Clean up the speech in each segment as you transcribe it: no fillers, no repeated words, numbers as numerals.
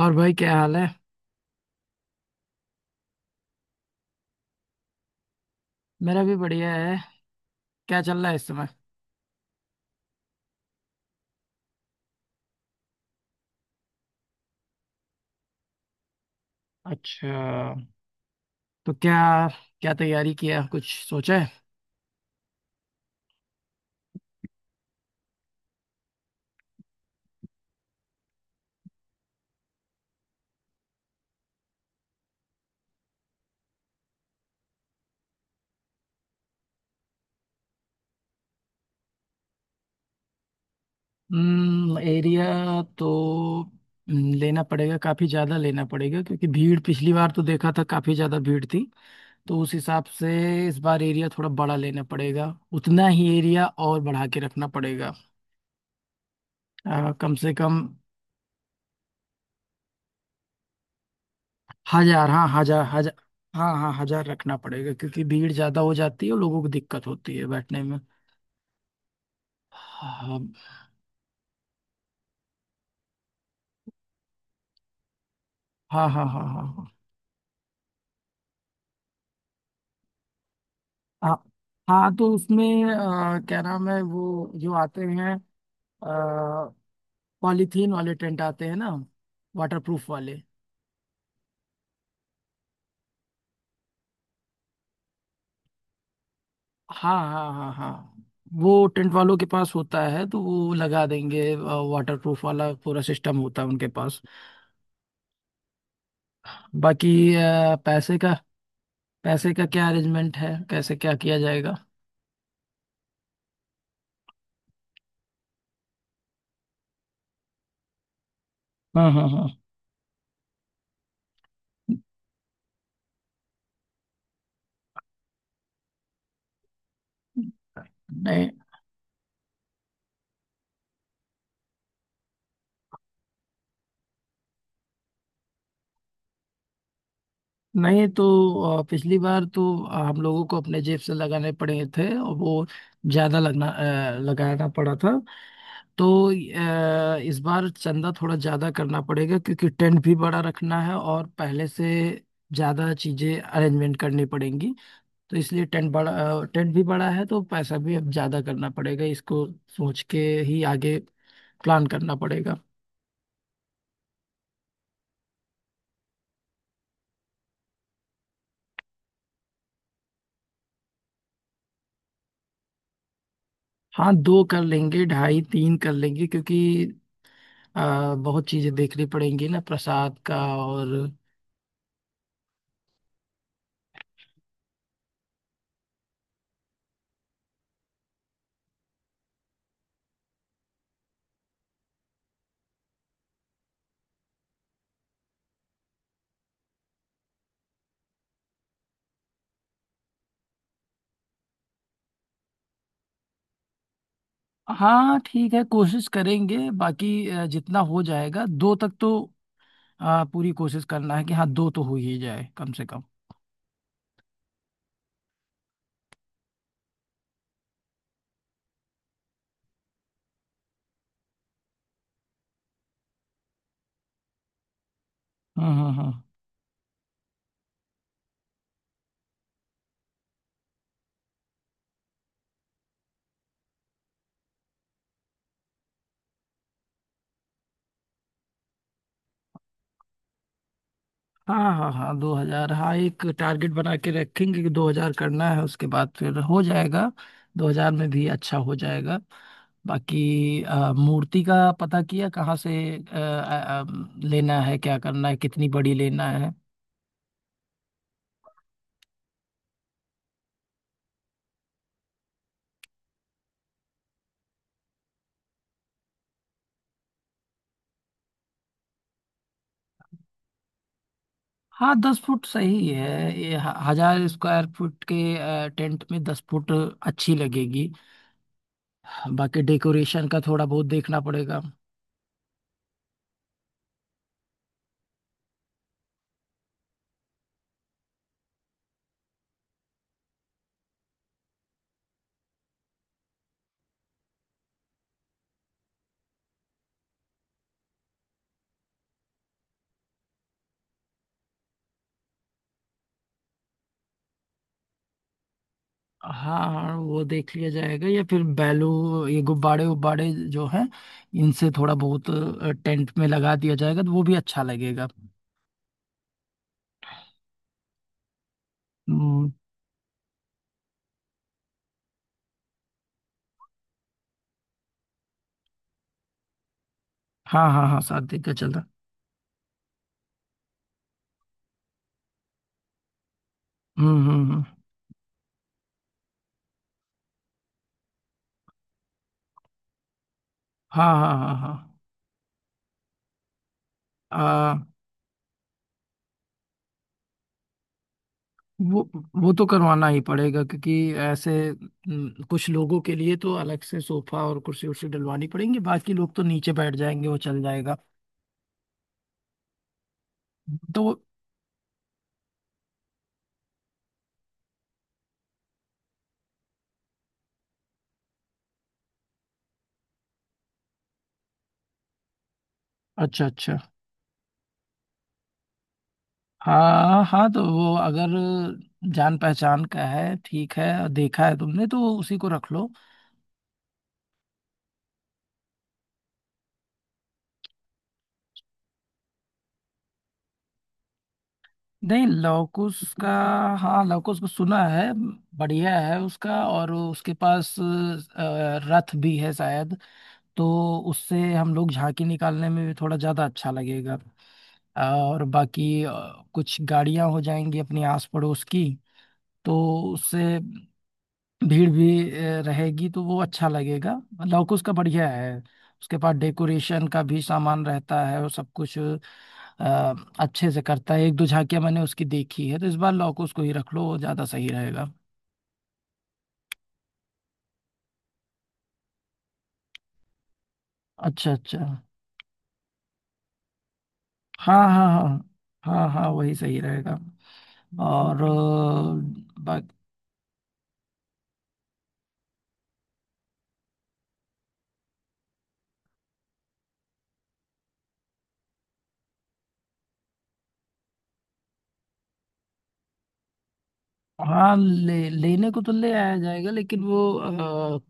और भाई, क्या हाल है। मेरा भी बढ़िया है। क्या चल रहा है इस समय? अच्छा। तो क्या क्या तैयारी किया, कुछ सोचा है? एरिया तो लेना पड़ेगा, काफी ज्यादा लेना पड़ेगा क्योंकि भीड़ पिछली बार तो देखा था, काफी ज्यादा भीड़ थी। तो उस हिसाब से इस बार एरिया थोड़ा बड़ा लेना पड़ेगा। उतना ही एरिया और बढ़ा के रखना पड़ेगा, कम से कम। हजार, हाँ, हजार हजार। हाँ हाँ, हजार रखना पड़ेगा क्योंकि भीड़ ज्यादा हो जाती है और लोगों को दिक्कत होती है बैठने में। हाँ हाँ हाँ हाँ। हाँ हाँ हाँ हाँ, तो उसमें क्या नाम है वो जो आते हैं, पॉलीथीन वाले टेंट आते हैं ना, वाटरप्रूफ वाले। हाँ हाँ हाँ हाँ। वो टेंट वालों के पास होता है तो वो लगा देंगे, वाटरप्रूफ वाला पूरा सिस्टम होता है उनके पास। बाकी पैसे का क्या अरेंजमेंट है, कैसे क्या किया जाएगा? हाँ हाँ हाँ। नहीं। नहीं तो पिछली बार तो हम लोगों को अपने जेब से लगाने पड़े थे, और वो ज्यादा लगाना पड़ा था। तो इस बार चंदा थोड़ा ज्यादा करना पड़ेगा क्योंकि टेंट भी बड़ा रखना है और पहले से ज्यादा चीजें अरेंजमेंट करनी पड़ेंगी। तो इसलिए टेंट भी बड़ा है तो पैसा भी अब ज्यादा करना पड़ेगा। इसको सोच के ही आगे प्लान करना पड़ेगा। हाँ, दो कर लेंगे, ढाई तीन कर लेंगे क्योंकि बहुत चीजें देखनी पड़ेंगी ना, प्रसाद का और। हाँ ठीक है, कोशिश करेंगे। बाकी जितना हो जाएगा दो तक तो। पूरी कोशिश करना है कि हाँ, दो तो हो ही जाए कम से कम। हाँ हाँ हाँ हाँ। हाँ हाँ, 2000, हाँ, एक टारगेट बना के रखेंगे कि 2000 करना है, उसके बाद फिर हो जाएगा। 2000 में भी अच्छा हो जाएगा। बाकी मूर्ति का पता किया कहाँ से लेना है, क्या करना है, कितनी बड़ी लेना है? हाँ, 10 फुट सही है। ये 1000 स्क्वायर फुट के टेंट में 10 फुट अच्छी लगेगी। बाकी डेकोरेशन का थोड़ा बहुत देखना पड़ेगा। हाँ हाँ, वो देख लिया जाएगा। या फिर बैलू, ये गुब्बारे उब्बारे जो हैं, इनसे थोड़ा बहुत टेंट में लगा दिया जाएगा तो वो भी अच्छा लगेगा। हम्म। हाँ हाँ हाँ, 7 दिन का चल रहा। हम्म। हाँ हाँ हाँ हाँ। वो वो तो करवाना ही पड़ेगा क्योंकि ऐसे कुछ लोगों के लिए तो अलग से सोफा और कुर्सी उर्सी डलवानी पड़ेंगी, बाकी लोग तो नीचे बैठ जाएंगे, वो चल जाएगा। तो अच्छा अच्छा। हाँ हाँ, तो वो अगर जान पहचान का है, ठीक है। देखा है तुमने तो उसी को रख लो। नहीं, लॉकुस का। हाँ, लॉकुस को सुना है। बढ़िया है उसका, और उसके पास रथ भी है शायद। तो उससे हम लोग झांकी निकालने में भी थोड़ा ज्यादा अच्छा लगेगा। और बाकी कुछ गाड़ियां हो जाएंगी अपने आस पड़ोस की। तो उससे भीड़ भी रहेगी तो वो अच्छा लगेगा। लौकुश का बढ़िया है। उसके पास डेकोरेशन का भी सामान रहता है और सब कुछ अच्छे से करता है। एक दो झांकियां मैंने उसकी देखी है, तो इस बार लौकुश को ही रख लो, वो ज्यादा सही रहेगा। अच्छा अच्छा। हाँ हाँ हाँ। हाँ हाँ, वही सही रहेगा। और बाकी, हाँ, ले लेने को तो ले आया जाएगा, लेकिन वो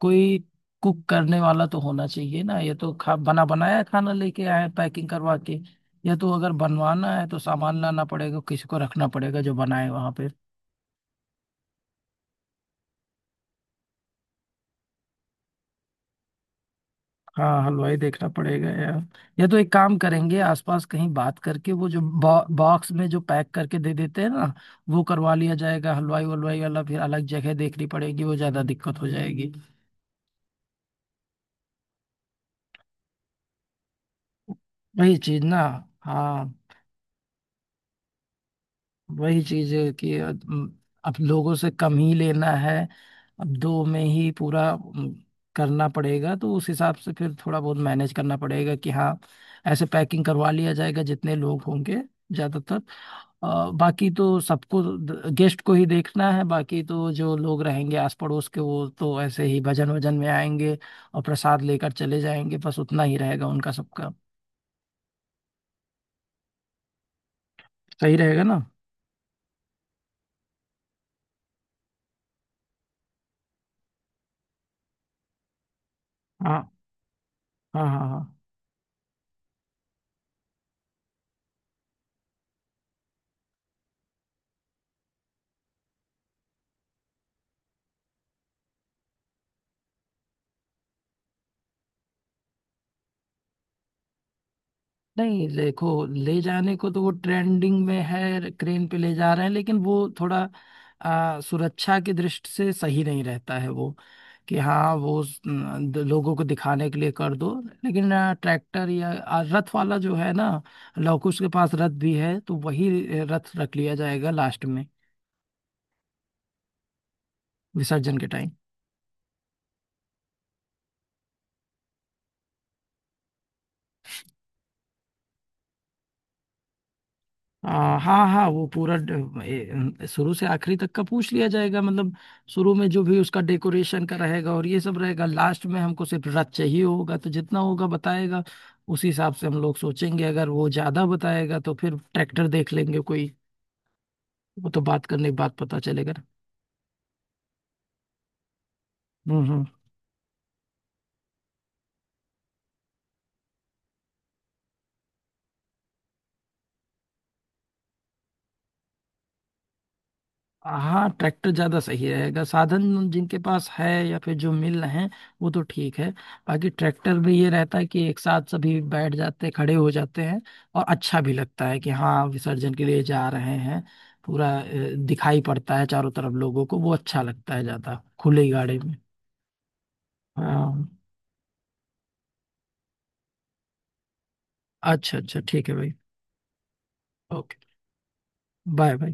कोई कुक करने वाला तो होना चाहिए ना। ये तो खा बना बनाया खाना लेके आए हैं पैकिंग करवा के। या तो अगर बनवाना है तो सामान लाना पड़ेगा, किसी को रखना पड़ेगा जो बनाए वहां पे। हाँ, हलवाई देखना पड़ेगा यार। या तो एक काम करेंगे, आसपास कहीं बात करके वो जो बॉक्स में जो पैक करके दे देते हैं ना, वो करवा लिया जाएगा। हलवाई वलवाई वाला फिर अलग जगह देखनी पड़ेगी, वो ज्यादा दिक्कत हो जाएगी। वही चीज ना। हाँ, वही चीज है कि अब लोगों से कम ही लेना है। अब दो में ही पूरा करना पड़ेगा, तो उस हिसाब से फिर थोड़ा बहुत मैनेज करना पड़ेगा कि हाँ, ऐसे पैकिंग करवा लिया जाएगा जितने लोग होंगे ज्यादातर। बाकी तो सबको, गेस्ट को ही देखना है। बाकी तो जो लोग रहेंगे आस पड़ोस के, वो तो ऐसे ही भजन वजन में आएंगे और प्रसाद लेकर चले जाएंगे। बस उतना ही रहेगा उनका सबका। सही रहेगा ना। हाँ हाँ हाँ हाँ। नहीं, देखो, ले जाने को तो वो ट्रेंडिंग में है, क्रेन पे ले जा रहे हैं, लेकिन वो थोड़ा सुरक्षा की दृष्टि से सही नहीं रहता है वो। कि हाँ, वो स- न, द- लोगों को दिखाने के लिए कर दो। लेकिन ट्रैक्टर या रथ वाला जो है ना, लवकुश के पास रथ भी है, तो वही रथ रख लिया जाएगा लास्ट में, विसर्जन के टाइम। हाँ हाँ, वो पूरा शुरू से आखिरी तक का पूछ लिया जाएगा, मतलब शुरू में जो भी उसका डेकोरेशन का रहेगा और ये सब रहेगा, लास्ट में हमको सिर्फ रथ चाहिए होगा तो जितना होगा बताएगा। उसी हिसाब से हम लोग सोचेंगे, अगर वो ज्यादा बताएगा तो फिर ट्रैक्टर देख लेंगे कोई। वो तो बात करने के बाद पता चलेगा ना। हम्म। हाँ, ट्रैक्टर ज़्यादा सही रहेगा, साधन जिनके पास है या फिर जो मिल रहे हैं, वो तो ठीक है। बाकी ट्रैक्टर में ये रहता है कि एक साथ सभी बैठ जाते हैं, खड़े हो जाते हैं, और अच्छा भी लगता है कि हाँ विसर्जन के लिए जा रहे हैं। पूरा दिखाई पड़ता है चारों तरफ लोगों को, वो अच्छा लगता है ज़्यादा खुली गाड़ी में। हाँ। अच्छा अच्छा, ठीक है भाई। ओके। Bye bye.